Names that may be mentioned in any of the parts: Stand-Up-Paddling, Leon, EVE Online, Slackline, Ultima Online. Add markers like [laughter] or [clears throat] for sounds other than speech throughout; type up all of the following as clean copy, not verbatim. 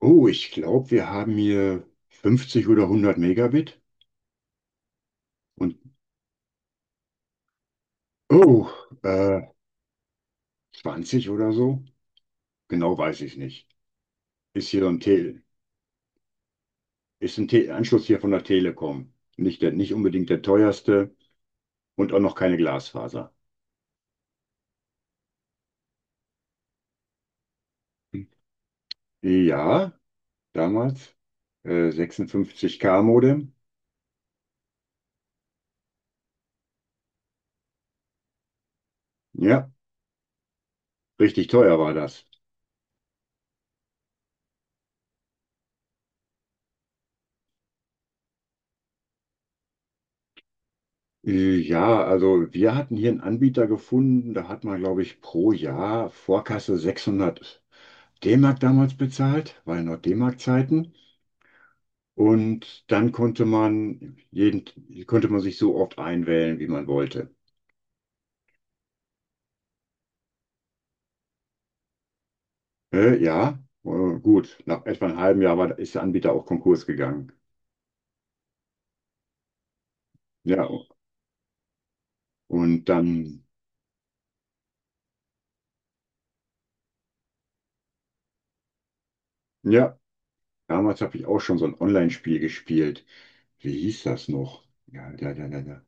Oh, ich glaube, wir haben hier 50 oder 100 Megabit und oh, äh, 20 oder so. Genau weiß ich nicht. Ist hier so ein Tel, ist ein Te Anschluss hier von der Telekom. Nicht unbedingt der teuerste und auch noch keine Glasfaser. Ja, damals 56K Modem. Ja, richtig teuer war das. Ja, also wir hatten hier einen Anbieter gefunden, da hat man, glaube ich, pro Jahr Vorkasse 600 D-Mark damals bezahlt, war ja noch D-Mark-Zeiten. Und dann konnte man sich so oft einwählen, wie man wollte. Ja, gut. Nach etwa einem halben Jahr ist der Anbieter auch Konkurs gegangen. Ja, und dann, ja, damals habe ich auch schon so ein Online-Spiel gespielt. Wie hieß das noch? Ja, ja, ja, ja, ja.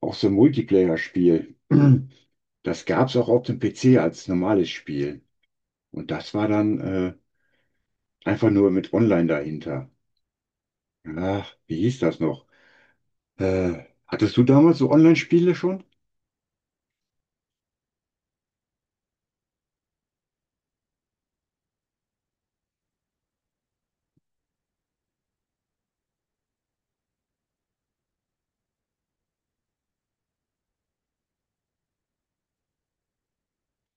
Auch so ein Multiplayer-Spiel. [clears throat] Das gab es auch auf dem PC als normales Spiel. Und das war dann einfach nur mit Online dahinter. Ach, wie hieß das noch? Hattest du damals so Online-Spiele schon?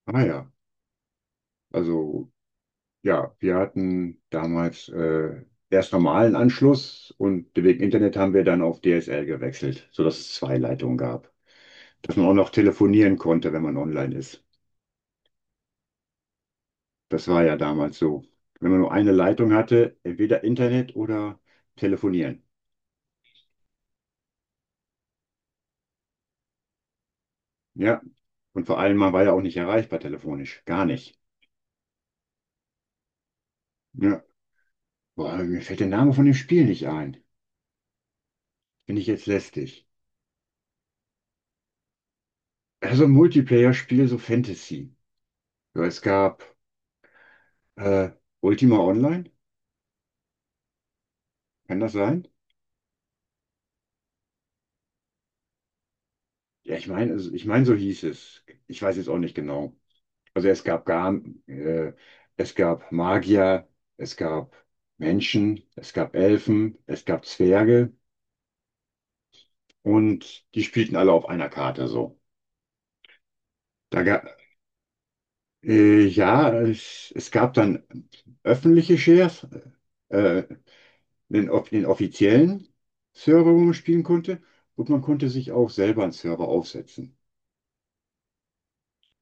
Ah ja, also ja, wir hatten damals erst normalen Anschluss und wegen Internet haben wir dann auf DSL gewechselt, sodass es zwei Leitungen gab. Dass man auch noch telefonieren konnte, wenn man online ist. Das war ja damals so. Wenn man nur eine Leitung hatte, entweder Internet oder telefonieren. Ja, und vor allem, man war ja auch nicht erreichbar telefonisch. Gar nicht. Ja, boah, mir fällt der Name von dem Spiel nicht ein. Bin ich jetzt lästig. Also ein Multiplayer-Spiel, so Fantasy. So, es gab äh, Ultima Online, kann das sein? Ja, ich meine, also, ich meine, so hieß es. Ich weiß jetzt auch nicht genau. Also äh, es gab Magier, es gab Menschen, es gab Elfen, es gab Zwerge und die spielten alle auf einer Karte so. Da ga, ja, es gab dann öffentliche Shares. Äh, einen offiziellen Server, wo man spielen konnte, und man konnte sich auch selber einen Server aufsetzen.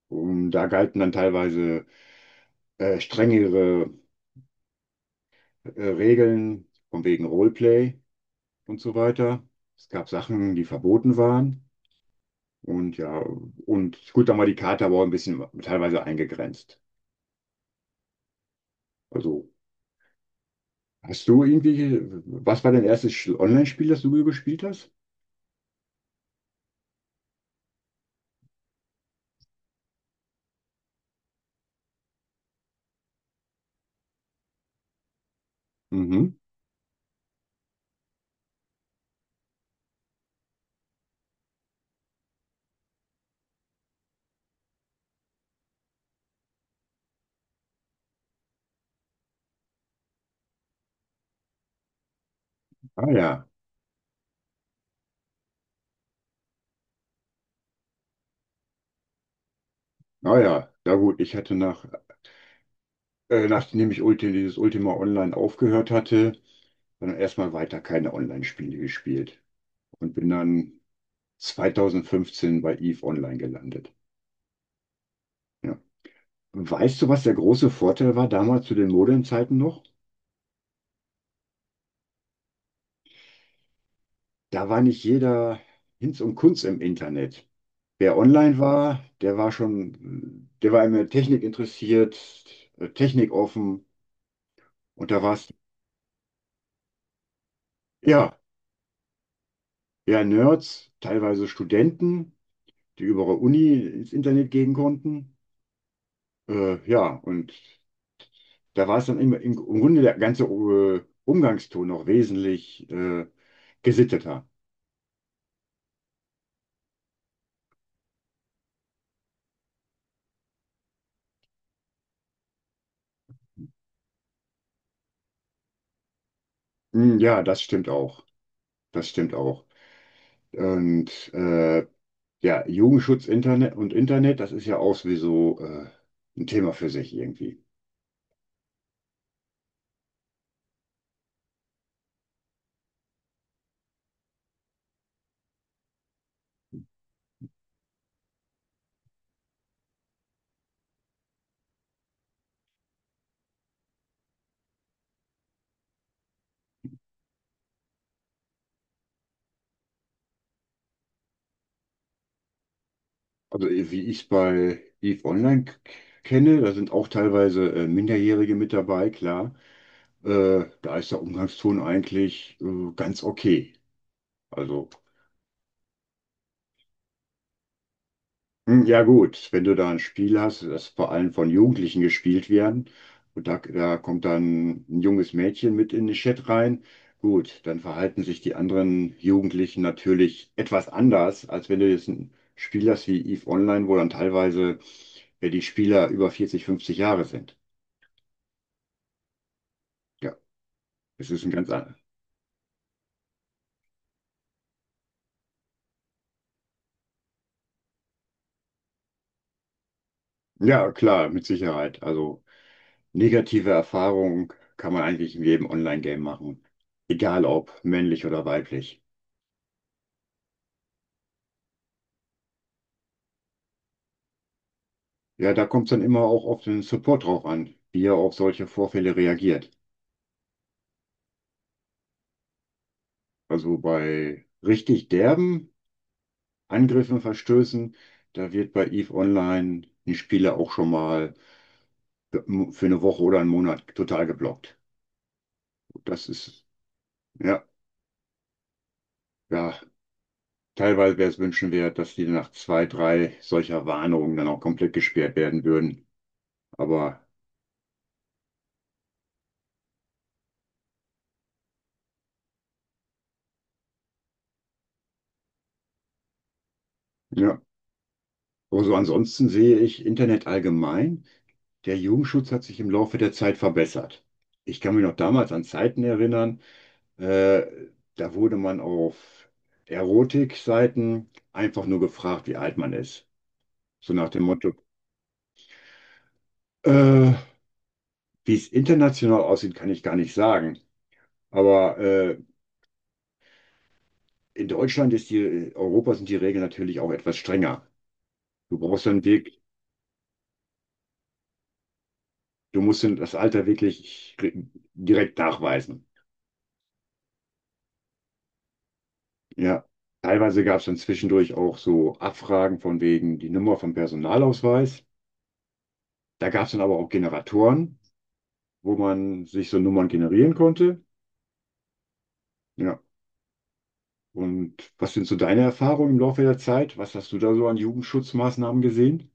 Und da galten dann teilweise strengere Regeln von wegen Roleplay und so weiter. Es gab Sachen, die verboten waren. Und ja, und gut, dann war die Karte aber auch ein bisschen teilweise eingegrenzt. Also, hast du irgendwie, was war dein erstes Online-Spiel, das du gespielt hast? Mhm. Ah ja, ah ja, ja gut, nachdem ich dieses Ultima Online aufgehört hatte, dann erstmal weiter keine Online-Spiele gespielt und bin dann 2015 bei EVE Online gelandet. Ja. Weißt du, was der große Vorteil war damals zu den Modemzeiten noch? Da war nicht jeder Hinz und Kunz im Internet. Wer online war, der war immer Technik interessiert, Technik offen und da war es, ja, eher Nerds, teilweise Studenten, die über ihre Uni ins Internet gehen konnten. Ja, und da war es dann immer im Grunde der ganze Umgangston noch wesentlich gesitteter. Hm, ja, das stimmt auch. Das stimmt auch. Und ja, Jugendschutz Internet und Internet, das ist ja auch sowieso ein Thema für sich irgendwie. Also wie ich es bei EVE Online kenne, da sind auch teilweise Minderjährige mit dabei, klar. Da ist der Umgangston eigentlich ganz okay. Also. Hm, ja gut, wenn du da ein Spiel hast, das vor allem von Jugendlichen gespielt werden, und da kommt dann ein junges Mädchen mit in den Chat rein, gut, dann verhalten sich die anderen Jugendlichen natürlich etwas anders, als wenn du jetzt ein Spiel hast wie EVE Online, wo dann teilweise die Spieler über 40, 50 Jahre sind. Ja, es ist ein ganz anderes. Ja, klar, mit Sicherheit. Also negative Erfahrungen kann man eigentlich in jedem Online-Game machen, egal ob männlich oder weiblich. Ja, da kommt es dann immer auch auf den Support drauf an, wie er auf solche Vorfälle reagiert. Also bei richtig derben Angriffen, Verstößen, da wird bei EVE Online ein Spieler auch schon mal für eine Woche oder einen Monat total geblockt. Das ist, ja, ja, teilweise wäre es wünschenswert, dass die nach zwei, drei solcher Warnungen dann auch komplett gesperrt werden würden. Aber ja, also ansonsten sehe ich Internet allgemein. Der Jugendschutz hat sich im Laufe der Zeit verbessert. Ich kann mich noch damals an Zeiten erinnern, äh, da wurde man auf Erotikseiten einfach nur gefragt, wie alt man ist. So nach dem Motto, äh, wie es international aussieht, kann ich gar nicht sagen. Aber in Deutschland ist die, in Europa sind die Regeln natürlich auch etwas strenger. Du brauchst dann wirklich, du musst dann das Alter wirklich direkt nachweisen. Ja, teilweise gab es dann zwischendurch auch so Abfragen von wegen die Nummer vom Personalausweis. Da gab es dann aber auch Generatoren, wo man sich so Nummern generieren konnte. Ja, und was sind so deine Erfahrungen im Laufe der Zeit? Was hast du da so an Jugendschutzmaßnahmen gesehen?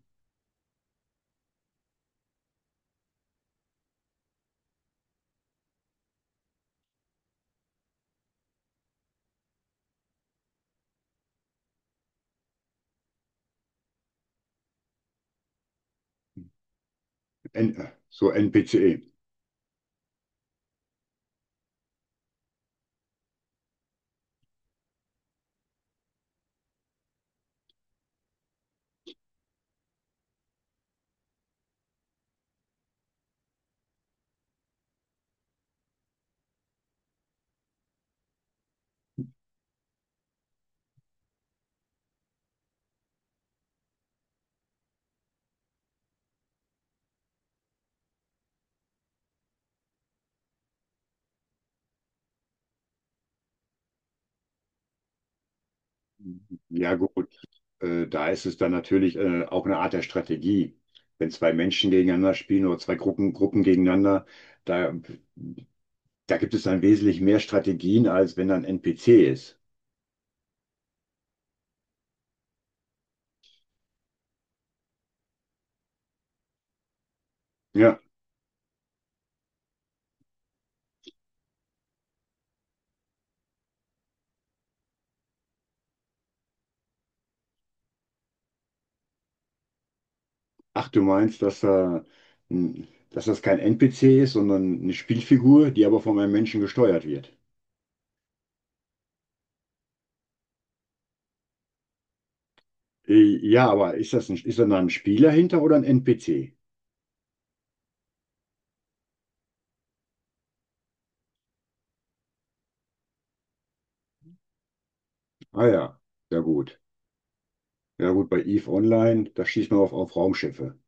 N so NPCE. Ja gut, da ist es dann natürlich auch eine Art der Strategie. Wenn zwei Menschen gegeneinander spielen oder zwei Gruppen gegeneinander, da, da gibt es dann wesentlich mehr Strategien, als wenn da ein NPC ist. Ja, ach, du meinst, dass das kein NPC ist, sondern eine Spielfigur, die aber von einem Menschen gesteuert wird. Ja, aber ist da ein Spieler hinter oder ein NPC? Ah ja, ja gut. Ja gut, bei EVE Online, da schießt man auf Raumschiffe.